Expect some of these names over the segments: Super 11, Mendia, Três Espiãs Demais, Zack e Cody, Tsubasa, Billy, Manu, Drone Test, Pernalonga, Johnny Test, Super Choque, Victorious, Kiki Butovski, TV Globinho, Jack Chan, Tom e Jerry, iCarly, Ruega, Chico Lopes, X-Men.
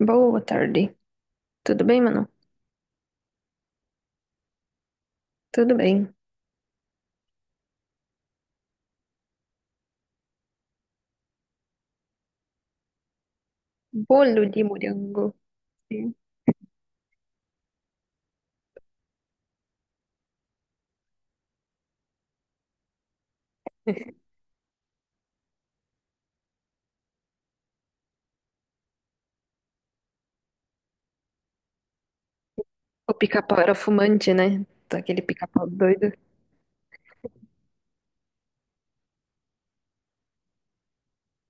Boa tarde. Tudo bem, Manu? Tudo bem. Bolo de morango. Sim. O pica-pau era fumante, né? Aquele pica-pau doido.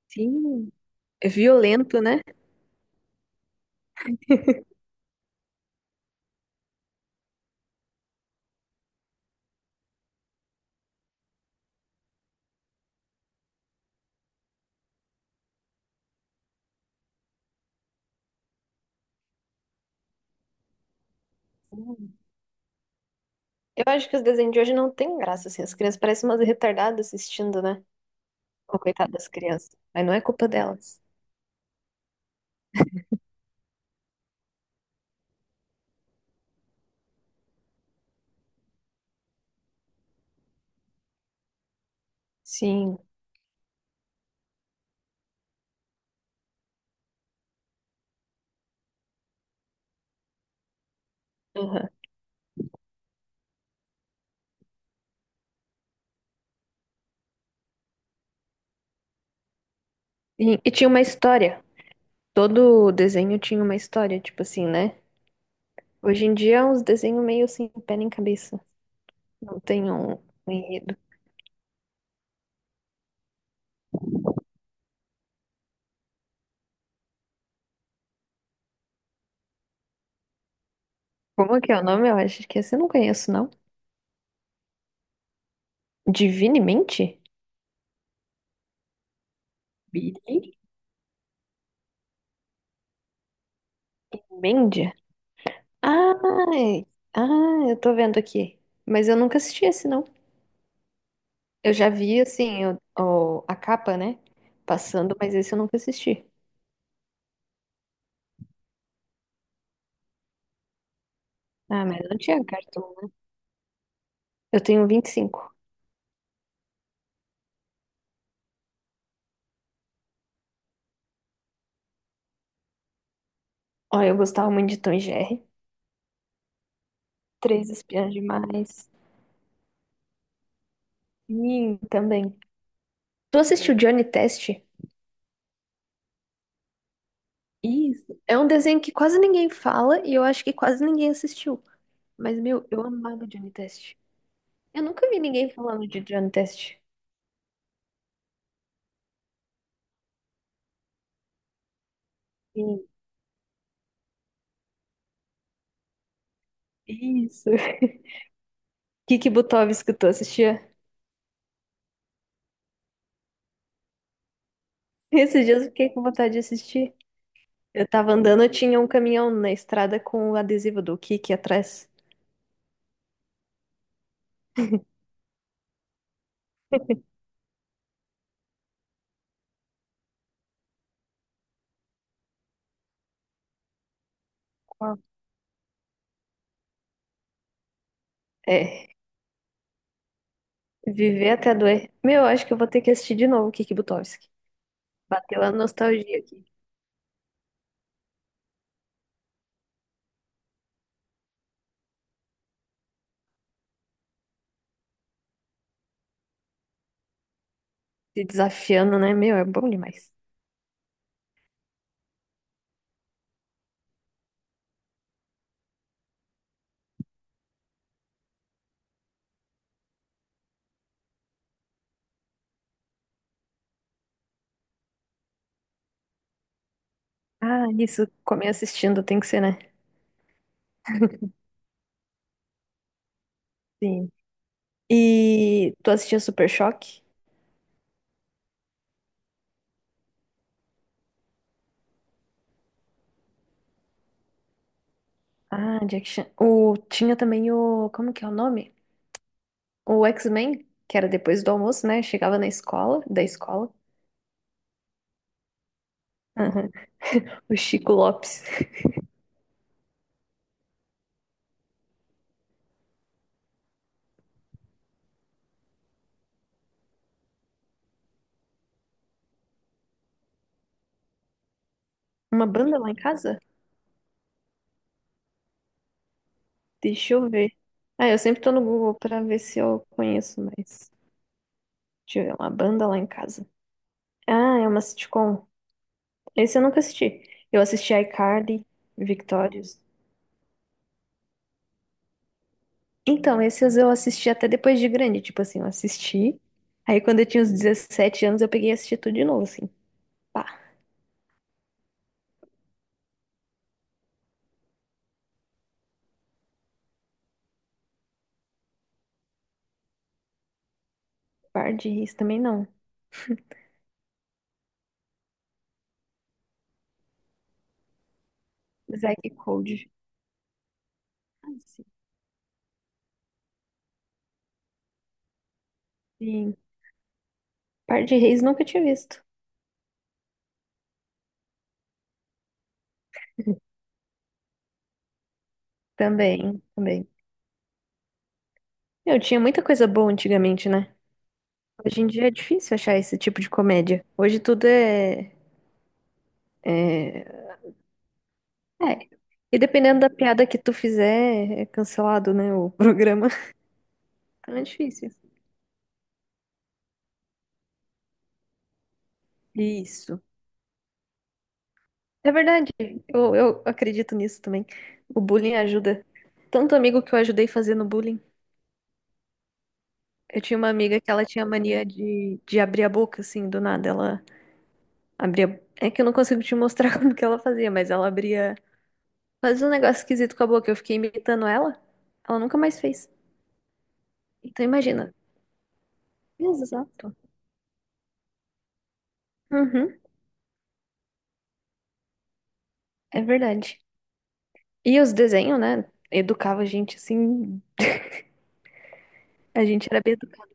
Sim. É violento, né? Hum. Eu acho que os desenhos de hoje não têm graça, assim. As crianças parecem umas retardadas assistindo, né? Ô, coitada das crianças. Mas não é culpa delas. Sim. Aham. E tinha uma história. Todo desenho tinha uma história, tipo assim, né? Hoje em dia é uns desenhos meio sem pé nem cabeça. Não tem um enredo. Como que é o nome? Eu acho que esse eu não conheço, não. Divinemente? Billy? Mendia? Ai, ah, eu tô vendo aqui. Mas eu nunca assisti esse, não. Eu já vi, assim, a capa, né? Passando, mas esse eu nunca assisti. Ah, mas não tinha cartão, né? Eu tenho 25. Ó, eu gostava muito de Tom e Jerry. Três Espiãs Demais. Sim, também. Tu assistiu Johnny Test? Isso. É um desenho que quase ninguém fala e eu acho que quase ninguém assistiu. Mas, meu, eu amava Johnny Test. Eu nunca vi ninguém falando de Drone Test. Sim. Isso. Kiki Butovski, tu assistia? Esses dias eu fiquei com vontade de assistir. Eu tava andando, eu tinha um caminhão na estrada com o adesivo do Kiki atrás. Qual? É, viver até doer. Meu, acho que eu vou ter que assistir de novo o Kiki Butovski. Bateu a nostalgia aqui. Se desafiando, né? Meu, é bom demais. Ah, isso. Comer assistindo tem que ser, né? Sim. E tu assistia Super Choque? Ah, Jack Chan. O... Tinha também o. Como que é o nome? O X-Men, que era depois do almoço, né? Chegava na escola, da escola. Aham. O Chico Lopes. Uma banda lá em casa? Deixa eu ver. Ah, eu sempre tô no Google pra ver se eu conheço, mas. Deixa eu ver, uma banda lá em casa. Ah, é uma sitcom. Esse eu nunca assisti. Eu assisti iCarly, Victorious. Então, esses eu assisti até depois de grande. Tipo assim, eu assisti. Aí quando eu tinha uns 17 anos, eu peguei e assisti tudo de novo, assim. Pá, par de ris também não. Zack e Cody. Ah, sim. Par de Reis nunca tinha visto. Também, também. Eu tinha muita coisa boa antigamente, né? Hoje em dia é difícil achar esse tipo de comédia. Hoje tudo é, é. E dependendo da piada que tu fizer, é cancelado, né? O programa. Então é difícil. Isso. É verdade. Eu acredito nisso também. O bullying ajuda. Tanto amigo que eu ajudei fazendo bullying. Eu tinha uma amiga que ela tinha mania de abrir a boca, assim, do nada. Ela abria. É que eu não consigo te mostrar como que ela fazia, mas ela abria. Fazia um negócio esquisito com a boca. Eu fiquei imitando ela. Ela nunca mais fez. Então imagina. Exato. Uhum, é verdade. E os desenhos, né? Educava a gente assim. A gente era bem educado.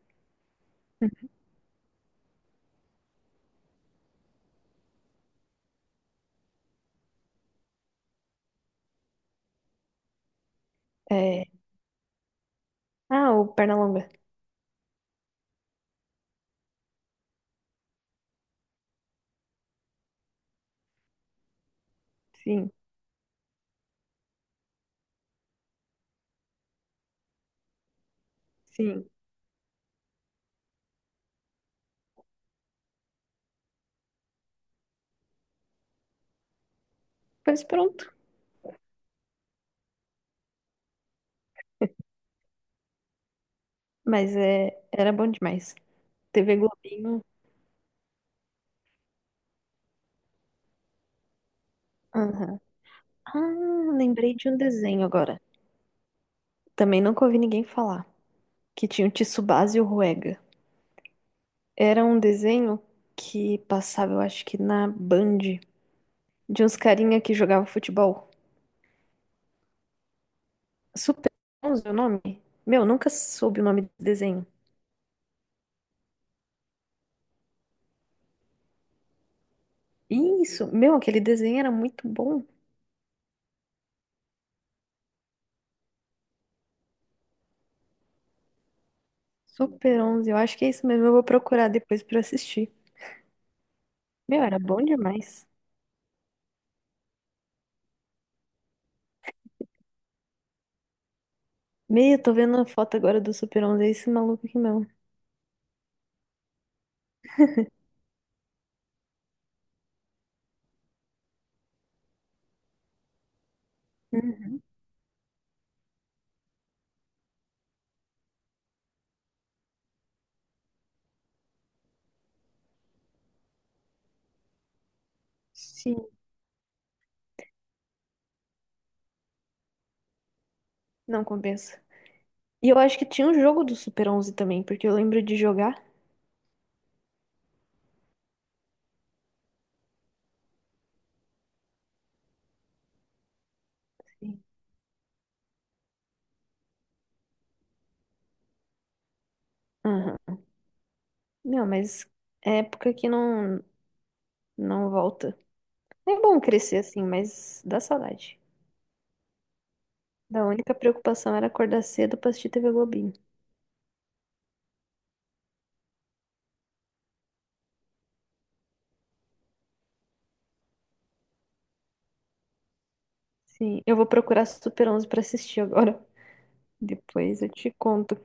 É... Ah, o Pernalonga. Sim, sim. Pois pronto. Mas é... era bom demais. TV Globinho. Aham. Ah, lembrei de um desenho agora. Também nunca ouvi ninguém falar. Que tinha o Tsubasa e o Ruega. Era um desenho que passava, eu acho que na Band, de uns carinha que jogava futebol. Super 11 é o nome? Meu, nunca soube o nome do desenho. Isso, meu, aquele desenho era muito bom. Super 11, eu acho que é isso mesmo, eu vou procurar depois pra assistir. Meu, era bom demais. Meu, tô vendo a foto agora do Super 11, é esse maluco aqui mesmo. Uhum. Sim, não compensa. E eu acho que tinha um jogo do Super 11 também, porque eu lembro de jogar. Sim. Aham. Não, mas é época que não. Não volta. É bom crescer assim, mas dá saudade. Da única preocupação era acordar cedo pra assistir TV Globinho. Sim, eu vou procurar Super 11 pra assistir agora. Depois eu te conto.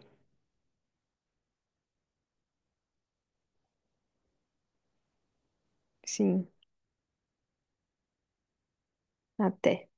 Sim, até.